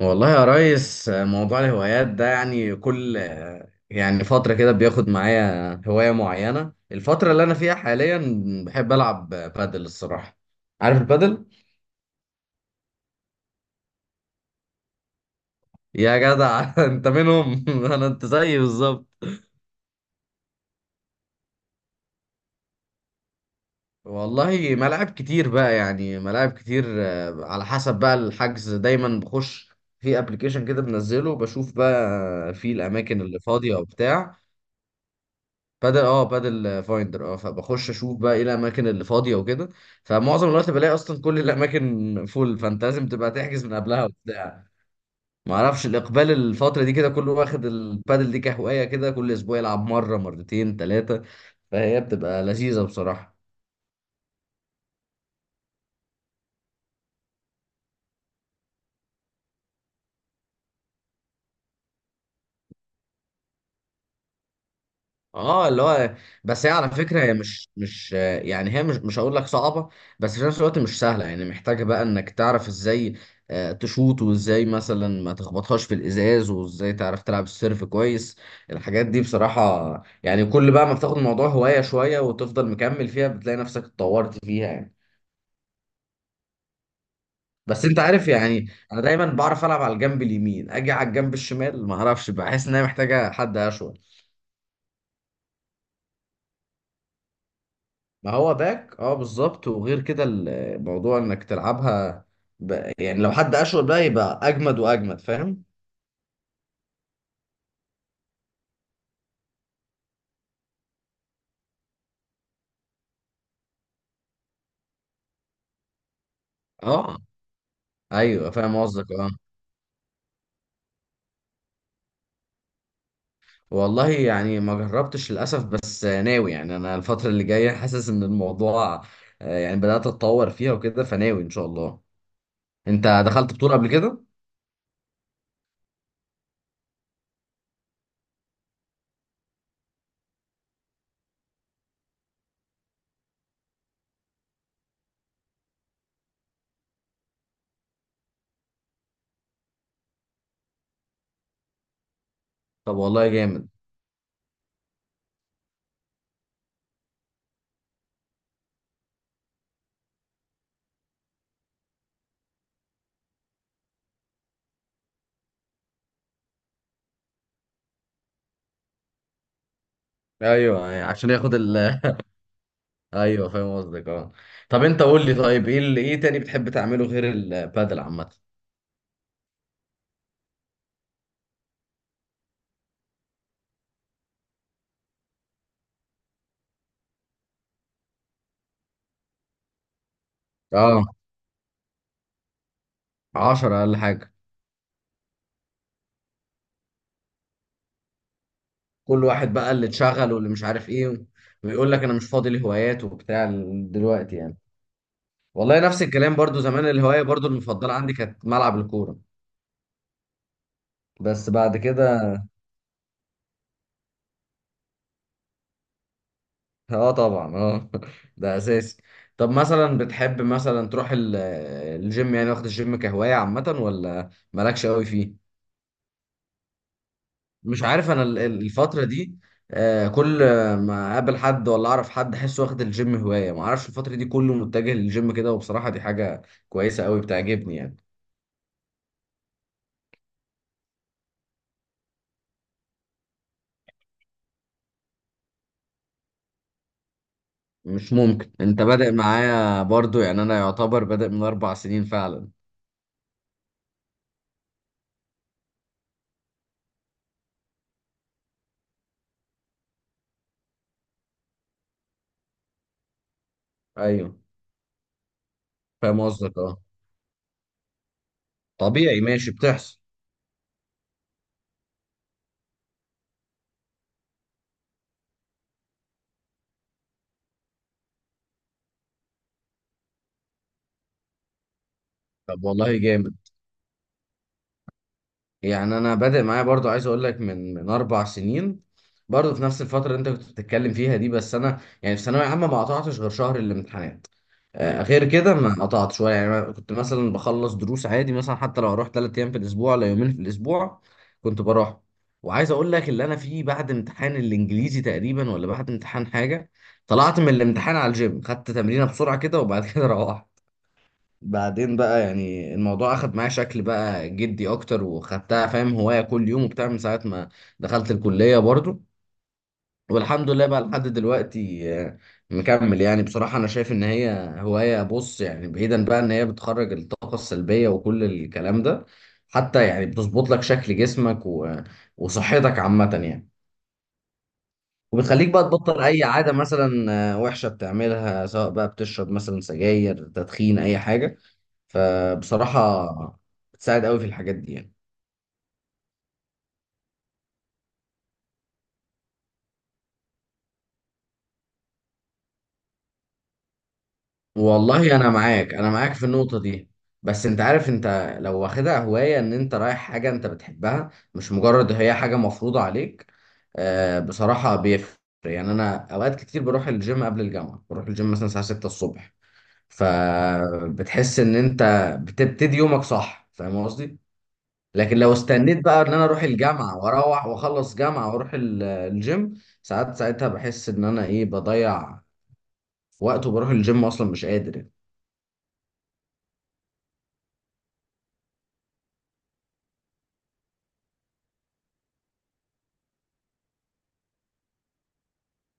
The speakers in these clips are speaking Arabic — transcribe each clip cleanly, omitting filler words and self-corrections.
والله يا ريس موضوع الهوايات ده يعني كل يعني فترة كده بياخد معايا هواية معينة. الفترة اللي أنا فيها حاليا بحب ألعب بادل الصراحة. عارف البادل؟ يا جدع أنت منهم. أنت زيي بالظبط. والله ملاعب كتير بقى، يعني ملاعب كتير، على حسب بقى الحجز. دايما بخش في ابلكيشن كده بنزله بشوف بقى في الاماكن اللي فاضية وبتاع. بادل فايندر، فبخش اشوف بقى ايه الاماكن اللي فاضيه وكده. فمعظم الوقت بلاقي اصلا كل الاماكن فول، فانت لازم تبقى تحجز من قبلها وبتاع. ما اعرفش الاقبال الفتره دي كده، كله واخد البادل دي كهوايه كده، كل اسبوع يلعب مره مرتين ثلاثه. فهي بتبقى لذيذه بصراحه. اه، اللي هو بس هي على فكره، هي مش يعني، هي مش هقول لك صعبه، بس في نفس الوقت مش سهله. يعني محتاجه بقى انك تعرف ازاي تشوط، وازاي مثلا ما تخبطهاش في الازاز، وازاي تعرف تلعب السيرف كويس. الحاجات دي بصراحه، يعني كل بقى ما بتاخد الموضوع هوايه شويه وتفضل مكمل فيها بتلاقي نفسك اتطورت فيها يعني. بس انت عارف يعني، انا دايما بعرف العب على الجنب اليمين، اجي على الجنب الشمال ما اعرفش، بحس ان هي محتاجه حد اشول. ما هو باك، اه بالظبط، وغير كده الموضوع انك تلعبها يعني لو حد اشول بقى يبقى اجمد واجمد، فاهم. اه. ايوه فاهم قصدك اه. والله يعني ما جربتش للاسف، بس ناوي. يعني انا الفتره اللي جايه حاسس ان الموضوع يعني بدات اتطور فيها وكده، فناوي ان شاء الله. انت دخلت بطوله قبل كده؟ طب والله جامد. ايوه، يعني عشان ياخد ال ايوه فاهم قصدك اه. طب انت قول لي طيب، ايه تاني بتحب تعمله غير البادل عامه؟ اه. 10 اقل حاجه. كل واحد بقى اللي اتشغل واللي مش عارف ايه. ويقول لك انا مش فاضي لهوايات وبتاع دلوقتي يعني. والله نفس الكلام برضو. زمان الهواية برضو المفضلة عندي كانت ملعب الكورة. بس بعد كده اه طبعا اه ده اساسي. طب مثلا بتحب مثلا تروح الجيم؟ يعني واخد الجيم كهواية عامة، ولا مالكش قوي فيه؟ مش عارف انا الفترة دي كل ما اقابل حد ولا اعرف حد احسه واخد الجيم هواية. ما اعرفش، الفترة دي كله متجه للجيم كده، وبصراحة دي حاجة كويسة قوي بتعجبني يعني. مش ممكن! انت بادئ معايا برضو؟ يعني انا يعتبر بادئ من 4 سنين فعلا. ايوه فاهم قصدك اه. طبيعي ماشي بتحصل. طب والله جامد. يعني انا بادئ معايا برضو. عايز اقول لك من 4 سنين، برضو في نفس الفتره اللي انت كنت بتتكلم فيها دي. بس انا يعني في ثانويه عامه ما قطعتش غير شهر الامتحانات. غير كده ما قطعت شويه. يعني أنا كنت مثلا بخلص دروس عادي، مثلا حتى لو اروح 3 ايام في الاسبوع ولا يومين في الاسبوع كنت بروح. وعايز اقول لك، اللي انا فيه بعد امتحان الانجليزي تقريبا، ولا بعد امتحان حاجه، طلعت من الامتحان على الجيم، خدت تمرينه بسرعه كده وبعد كده روحت. بعدين بقى يعني الموضوع اخد معايا شكل بقى جدي اكتر، وخدتها فاهم هواية كل يوم وبتاع من ساعة ما دخلت الكلية برضو. والحمد لله بقى لحد دلوقتي مكمل. يعني بصراحة انا شايف ان هي هواية، بص، يعني بعيدا بقى ان هي بتخرج الطاقة السلبية وكل الكلام ده، حتى يعني بتظبط لك شكل جسمك و- وصحتك عامة يعني. وبتخليك بقى تبطل اي عاده مثلا وحشه بتعملها، سواء بقى بتشرب مثلا سجاير، تدخين، اي حاجه. فبصراحه بتساعد قوي في الحاجات دي يعني. والله انا معاك، انا معاك في النقطه دي. بس انت عارف، انت لو واخدها هوايه ان انت رايح حاجه انت بتحبها، مش مجرد هي حاجه مفروضه عليك، بصراحه بيفرق. يعني انا اوقات كتير بروح الجيم قبل الجامعه، بروح الجيم مثلا الساعه 6 الصبح، فبتحس ان انت بتبتدي يومك صح، فاهم قصدي؟ لكن لو استنيت بقى ان انا اروح الجامعه واروح واخلص جامعه واروح الجيم ساعات، ساعتها بحس ان انا ايه، بضيع وقت، وبروح الجيم اصلا مش قادر يعني.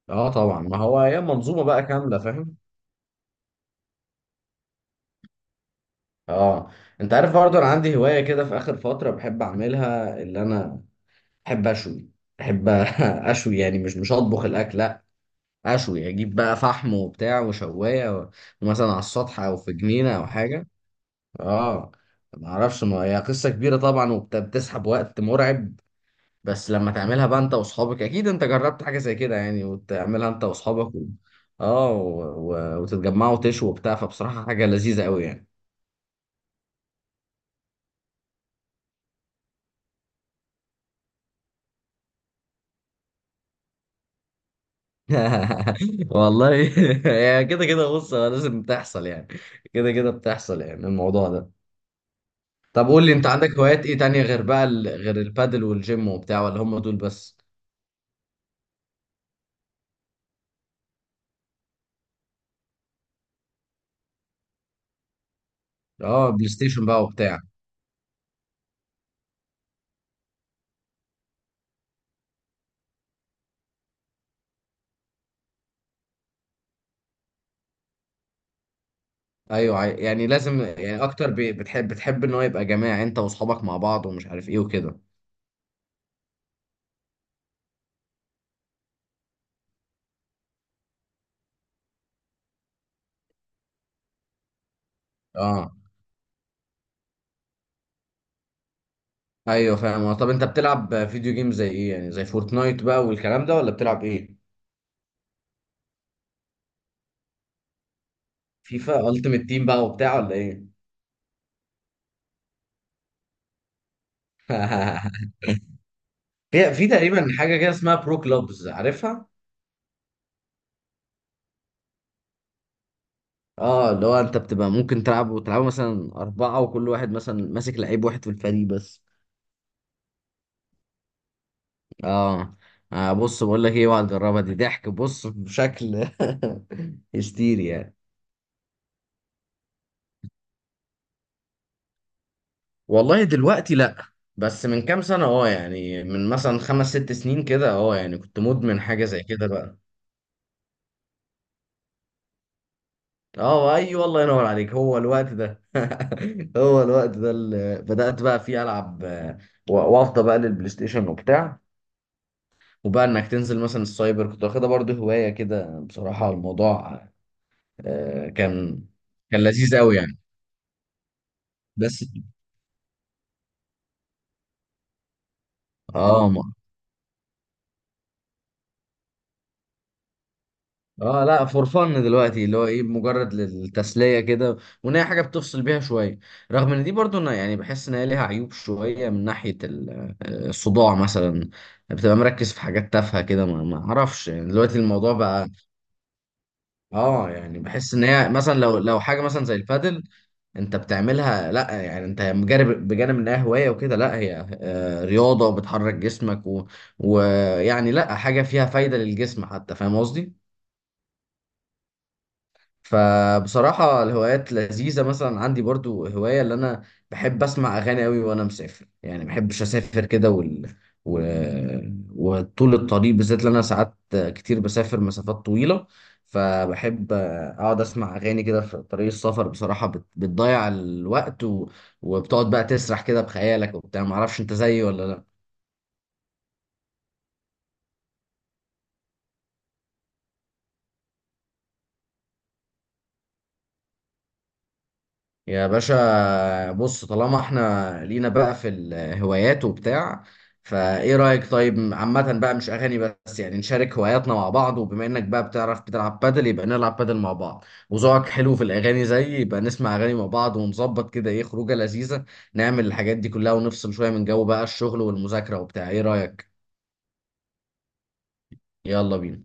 اه طبعا، ما هو هي منظومه بقى كامله فاهم. اه، انت عارف برضه انا عندي هوايه كده في اخر فتره بحب اعملها، اللي انا بحب اشوي. بحب اشوي، يعني مش اطبخ الاكل لا. اشوي، اجيب بقى فحم وبتاع وشوايه و- ومثلا على السطح او في جنينه او حاجه. اه. ما اعرفش، ما هي قصه كبيره طبعا، وبتسحب وقت مرعب. بس لما تعملها بقى انت واصحابك، اكيد انت جربت حاجه زي كده يعني، وتعملها انت واصحابك، اه، وتتجمعوا تشوا وبتاع، فبصراحه حاجه لذيذه قوي يعني. والله هي كده كده بص، هو لازم تحصل يعني، كده كده بتحصل يعني، الموضوع ده. طب قول لي، انت عندك هوايات ايه تانية غير بقى غير البادل والجيم وبتاع، ولا هم دول بس؟ اه، بلاي ستيشن بقى وبتاع. ايوه، يعني لازم، يعني اكتر، بتحب ان هو يبقى جماعي، يعني انت واصحابك مع بعض ومش عارف ايه وكده. اه ايوه فاهم. طب انت بتلعب فيديو جيم زي ايه؟ يعني زي فورتنايت بقى والكلام ده، ولا بتلعب ايه؟ فيفا التيمت تيم بقى وبتاع ولا ايه؟ في تقريبا حاجه كده اسمها برو كلوبز، عارفها؟ اه، اللي هو انت بتبقى ممكن تلعب، وتلعبوا مثلا اربعه، وكل واحد مثلا ماسك لعيب واحد في الفريق بس. اه. بص بقول لك ايه، اوعى تجربها دي، ضحك بص بشكل هستيري يعني. والله دلوقتي لا، بس من كام سنة اه. يعني من مثلا 5 أو 6 سنين كده، اه، يعني كنت مدمن حاجة زي كده بقى. اه ايوه، الله ينور عليك، هو الوقت ده. هو الوقت ده اللي بدأت بقى فيه ألعب. و- وافضى بقى للبلاي ستيشن وبتاع. وبقى انك تنزل مثلا السايبر، كنت واخدها برضه هواية كده. بصراحة الموضوع آه، كان كان لذيذ قوي يعني. بس اه. اه لا، فور فن دلوقتي، اللي هو ايه، مجرد للتسليه كده، وان هي حاجه بتفصل بيها شويه. رغم ان دي برضو، انا يعني بحس ان هي ليها عيوب شويه من ناحيه الصداع مثلا. بتبقى مركز في حاجات تافهه كده، ما اعرفش يعني، دلوقتي الموضوع بقى. اه، يعني بحس ان هي مثلا لو حاجه مثلا زي البادل، انت بتعملها لا، يعني انت بجانب انها هوايه وكده، لا هي رياضه، وبتحرك جسمك و- ويعني لا، حاجه فيها فايده للجسم حتى، فاهم قصدي؟ فبصراحة الهوايات لذيذة. مثلا عندي برضو هواية، اللي أنا بحب أسمع أغاني أوي وأنا مسافر. يعني ما بحبش أسافر كده و... وطول الطريق بالذات، لأن أنا ساعات كتير بسافر مسافات طويلة. فبحب أقعد أسمع أغاني كده في طريق السفر. بصراحة بتضيع الوقت وبتقعد بقى تسرح كده بخيالك وبتاع، معرفش أنت زيي ولا لأ؟ يا باشا بص، طالما احنا لينا بقى في الهوايات وبتاع، فايه رأيك طيب عامة بقى، مش اغاني بس، يعني نشارك هواياتنا مع بعض؟ وبما انك بقى بتعرف بتلعب بادل يبقى نلعب بادل مع بعض، وذوقك حلو في الاغاني زيي يبقى نسمع اغاني مع بعض، ونظبط كده ايه خروجة لذيذة. نعمل الحاجات دي كلها ونفصل شوية من جو بقى الشغل والمذاكرة وبتاع، ايه رأيك؟ يلا بينا.